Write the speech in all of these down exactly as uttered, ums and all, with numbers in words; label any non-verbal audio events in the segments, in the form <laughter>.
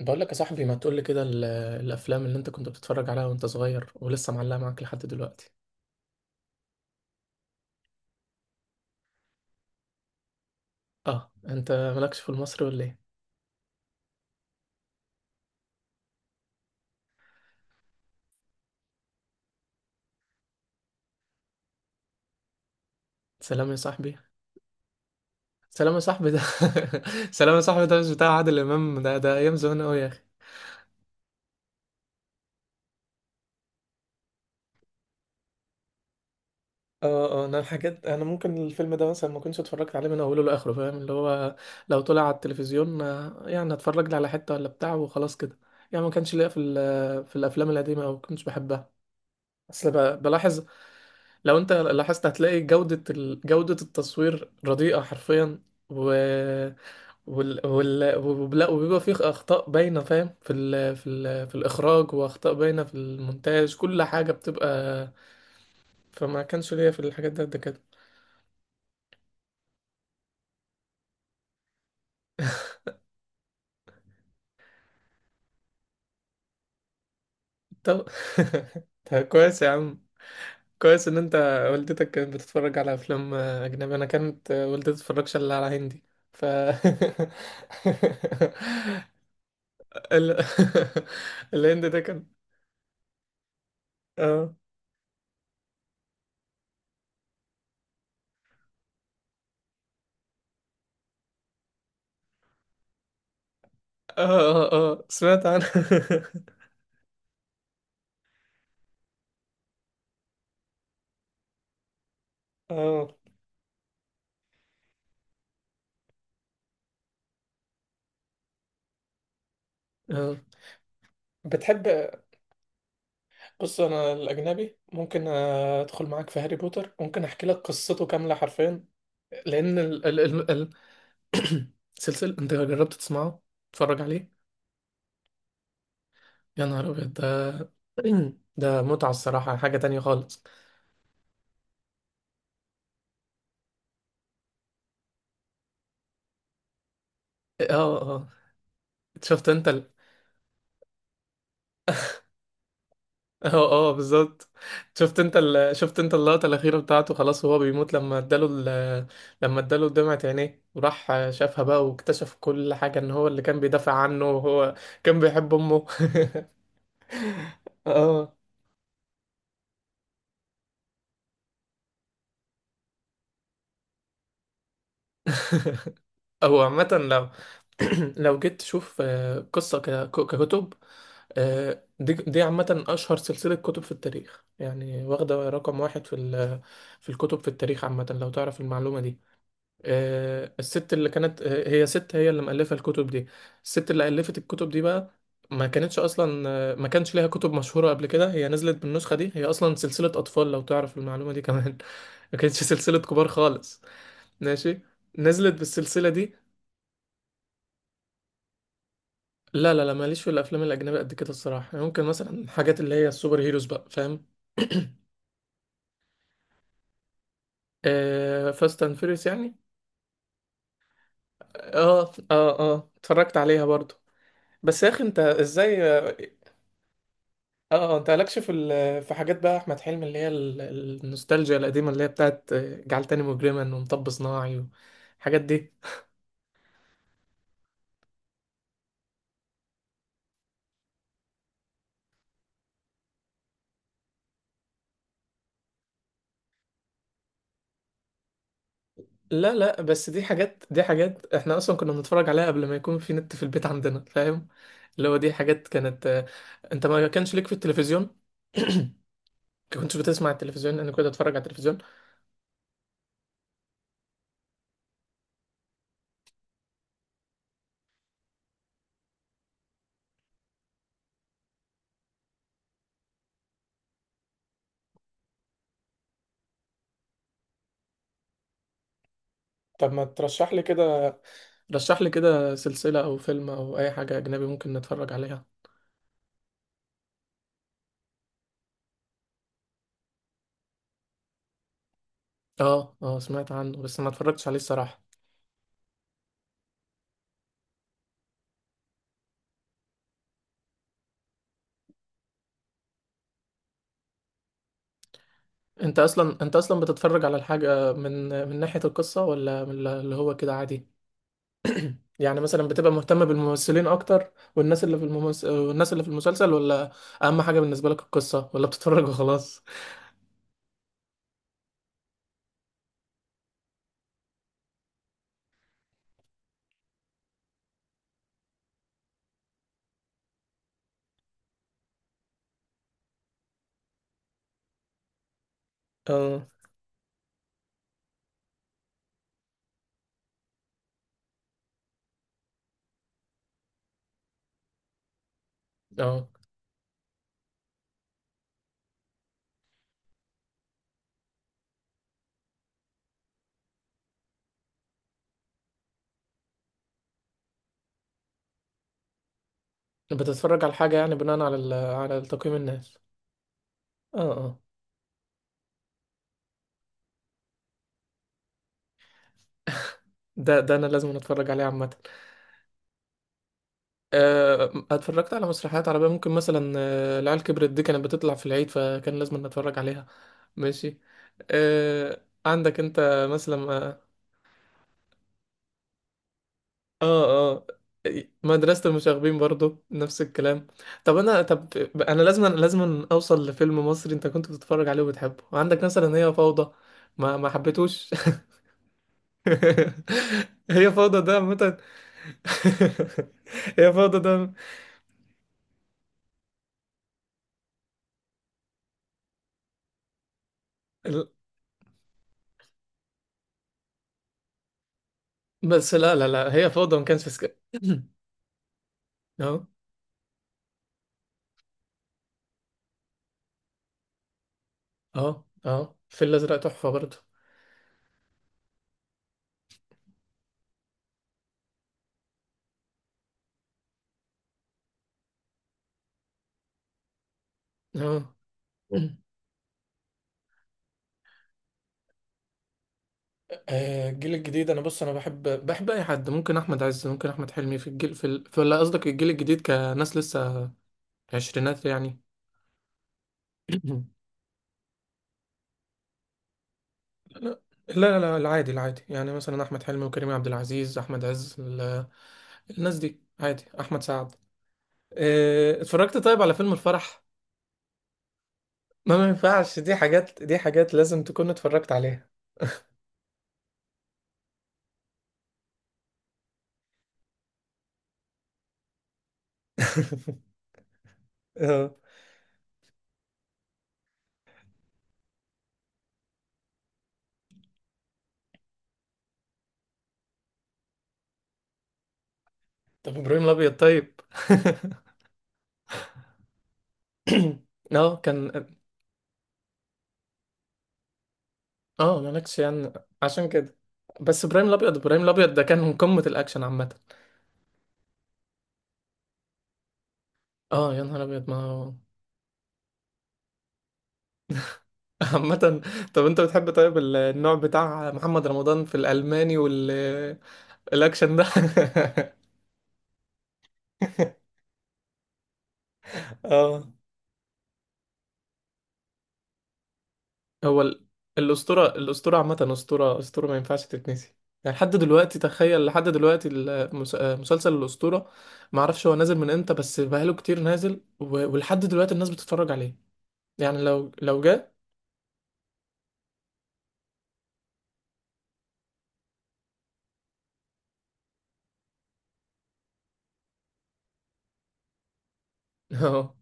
بقول لك يا صاحبي، ما تقول لي كده ال- الافلام اللي انت كنت بتتفرج عليها وانت صغير ولسه معلقه معاك لحد دلوقتي. اه، انت مالكش في المصري ولا ايه؟ سلام يا صاحبي، سلام يا صاحبي ده. <laughs> سلام يا صاحبي ده مش بتاع عادل امام؟ ده ده ايام زمان قوي يا اخي. اه اه انا حاجات، انا ممكن الفيلم ده مثلا ما كنتش اتفرجت عليه من اوله لاخره، فاهم، اللي هو لو طلع على التلفزيون آه، يعني اتفرج لي على حته ولا بتاع وخلاص كده. يعني ما كانش ليا في ال- في الافلام القديمه، او كنتش بحبها. اصل ب- بلاحظ، لو انت لاحظت هتلاقي جودة ال... جودة التصوير رديئة حرفيا. و... وال... وال... وبلا... وبيبقى فيه اخطاء باينة، فاهم، في ال... في ال... في الاخراج، واخطاء باينة في المونتاج، كل حاجة بتبقى. فما كانش ليا في الحاجات ده قد كده. طب <laughs> طب كويس يا عم. كويس ان انت، والدتك كانت بتتفرج على افلام اجنبي، انا كانت والدتي بتتفرجش الا على هندي. ف <laughs> ال... <laughs> الهند ده كان. اه، اه، اه، اه، سمعت عنه. <laughs> اه، اه، بتحب. بص، انا الاجنبي ممكن ادخل معاك في هاري بوتر، ممكن احكي لك قصته كامله حرفيا، لان ال... ال... ال... ال... <clears throat> سلسلة. انت جربت تسمعه، تتفرج عليه؟ يا نهار ابيض ده. <clears throat> ده متعة الصراحة، حاجة تانية خالص. اه، اه، آه. شفت انت. اه، اه، بالظبط. شفت انت ال... شفت انت اللقطة الأخيرة بتاعته، خلاص وهو بيموت لما اداله ال... لما اداله دمعة عينيه، وراح شافها بقى واكتشف كل حاجة، ان هو اللي كان بيدافع عنه وهو كان بيحب أمه. <laughs> اه. <laughs> هو عامة لو <clears throat> لو جيت تشوف آه، قصة ك- ككتب، آه، دي دي عامة أشهر سلسلة كتب في التاريخ، يعني واخدة رقم واحد في ال- في الكتب في التاريخ عامة، لو تعرف المعلومة دي. آه، الست اللي كانت آه، هي ست، هي اللي مؤلفة الكتب دي. الست اللي ألفت الكتب دي بقى ما كانتش أصلا، آه، ما كانش ليها كتب مشهورة قبل كده، هي نزلت بالنسخة دي، هي أصلا سلسلة أطفال، لو تعرف المعلومة دي كمان. <laughs> ما كانتش سلسلة كبار خالص. ماشي، نزلت بالسلسلة دي. لا، لا، لا، ماليش في الأفلام الأجنبية قد كده الصراحة، يعني ممكن مثلا الحاجات اللي هي السوبر هيروز بقى، فاهم. <clears throat> آه، فاست اند فيريوس يعني. اه، اه، اه، اتفرجت عليها برضو. بس يا اخي، انت ازاي؟ اه، آه، انت مالكش في ال- في حاجات بقى احمد حلمي، اللي هي ال- النوستالجيا القديمه اللي هي بتاعت جعل تاني مجرما، ومطب صناعي، والحاجات دي. لا، لا، بس دي حاجات، دي حاجات احنا اصلا كنا بنتفرج عليها قبل ما يكون في نت في البيت عندنا، فاهم. اللي هو دي حاجات كانت آه، انت ما كانش ليك في التلفزيون؟ <clears throat> ما كنتش بتسمع التلفزيون، انا كنت اتفرج على التلفزيون. طب ما ترشح لي كده، رشح لي كده سلسله او فيلم او اي حاجه اجنبي ممكن نتفرج عليها. اه اه سمعت عنه بس ما اتفرجتش عليه الصراحه. انت اصلا انت اصلا بتتفرج على الحاجة من من ناحية القصة، ولا من اللي هو كده عادي؟ يعني مثلا بتبقى مهتم بالممثلين اكتر والناس اللي في الممس... والناس اللي في المسلسل، ولا اهم حاجة بالنسبة لك القصة، ولا بتتفرج وخلاص؟ اه، اه، بتتفرج على الحاجة يعني بناء على ال... على تقييم الناس؟ اه، اه، ده ده انا لازم اتفرج عليه عامة. آه، اتفرجت على مسرحيات عربية، ممكن مثلا آه، العيال كبرت دي كانت بتطلع في العيد، فكان لازم نتفرج عليها. ماشي. آه، عندك انت مثلا؟ اه، اه، مدرسة المشاغبين برضو، نفس الكلام. طب انا، طب انا لازم، لازم اوصل لفيلم مصري انت كنت بتتفرج عليه وبتحبه. عندك مثلا هي فوضى؟ ما ما حبيتوش؟ <laughs> هي فوضى ده عامة. <laughs> هي فوضى ده ال- بس لا، لا، لا، هي فوضى ما كانش في سك- <clears throat> اه، اه، اه، الفيل الازرق تحفة برضو. اه. <clears throat> آه، الجيل الجديد. انا بص، انا بحب، بحب اي حد، ممكن احمد عز، ممكن احمد حلمي، في الجيل في ال... في، ولا قصدك الجيل الجديد كناس لسه عشرينات يعني؟ <clears throat> لا، لا، لا، العادي، العادي، يعني مثلا احمد حلمي وكريم عبد العزيز، احمد عز، ال- الناس دي عادي، احمد سعد. آه، اتفرجت طيب على فيلم الفرح؟ <laughs> ما ما ينفعش، دي حاجات، دي حاجات لازم تكون اتفرجت عليها. <laughs> آه. طب ابراهيم الابيض طيب؟ <clears throat> <laughs> اه، كان. اه، مالكش يعني، عشان كده. بس ابراهيم الابيض، ابراهيم الابيض ده كان من قمة الاكشن عامة. اه، يا نهار ابيض ما هو. <laughs> عامة. طب انت بتحب طيب ال- النوع بتاع محمد رمضان في الالماني والاكشن ده؟ <laughs> اه. هو ال... الاسطورة، الاسطورة عامة، اسطورة، اسطورة ما ينفعش تتنسي، يعني لحد دلوقتي، تخيل لحد دلوقتي، المس... مسلسل الاسطورة. ما اعرفش هو نازل من امتى، بس بقاله كتير نازل، و... ولحد دلوقتي الناس بتتفرج عليه، يعني لو لو جه. <laughs> اه،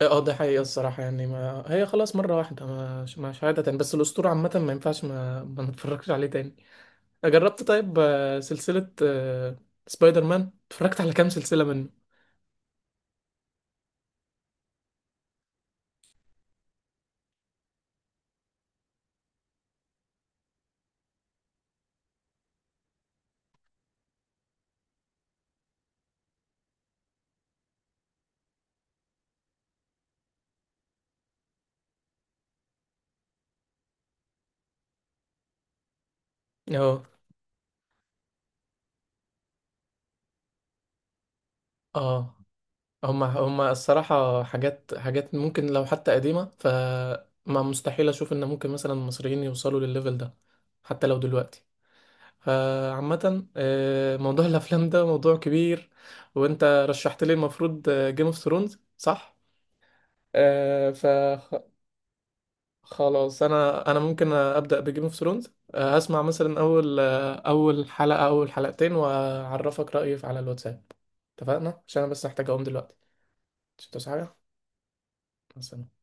اه، آه، ده حقيقة الصراحة، يعني ما هي خلاص مرة واحدة، مش مش عادة تاني، بس الأسطورة عامة ما ينفعش، ما ما نتفرجش عليه تاني. آه، جربت طيب آه، سلسلة آه، سبايدر مان؟ اتفرجت على كام سلسلة منه؟ اه، اه، هما هما الصراحة حاجات حاجات ممكن لو حتى قديمة، فما مستحيل أشوف إن ممكن مثلا المصريين يوصلوا للليفل ده حتى لو دلوقتي. فعامة آه، موضوع <laughs> الأفلام ده موضوع كبير. وأنت رشحت لي المفروض جيم اوف ثرونز، صح؟ آه ف خلاص انا، انا ممكن ابدا بجيم اوف ثرونز. آه، هسمع مثلا اول، آه، اول حلقه، اول حلقتين، واعرفك رايي على الواتساب. اتفقنا؟ عشان انا بس محتاج اقوم دلوقتي، مش حاجه بس.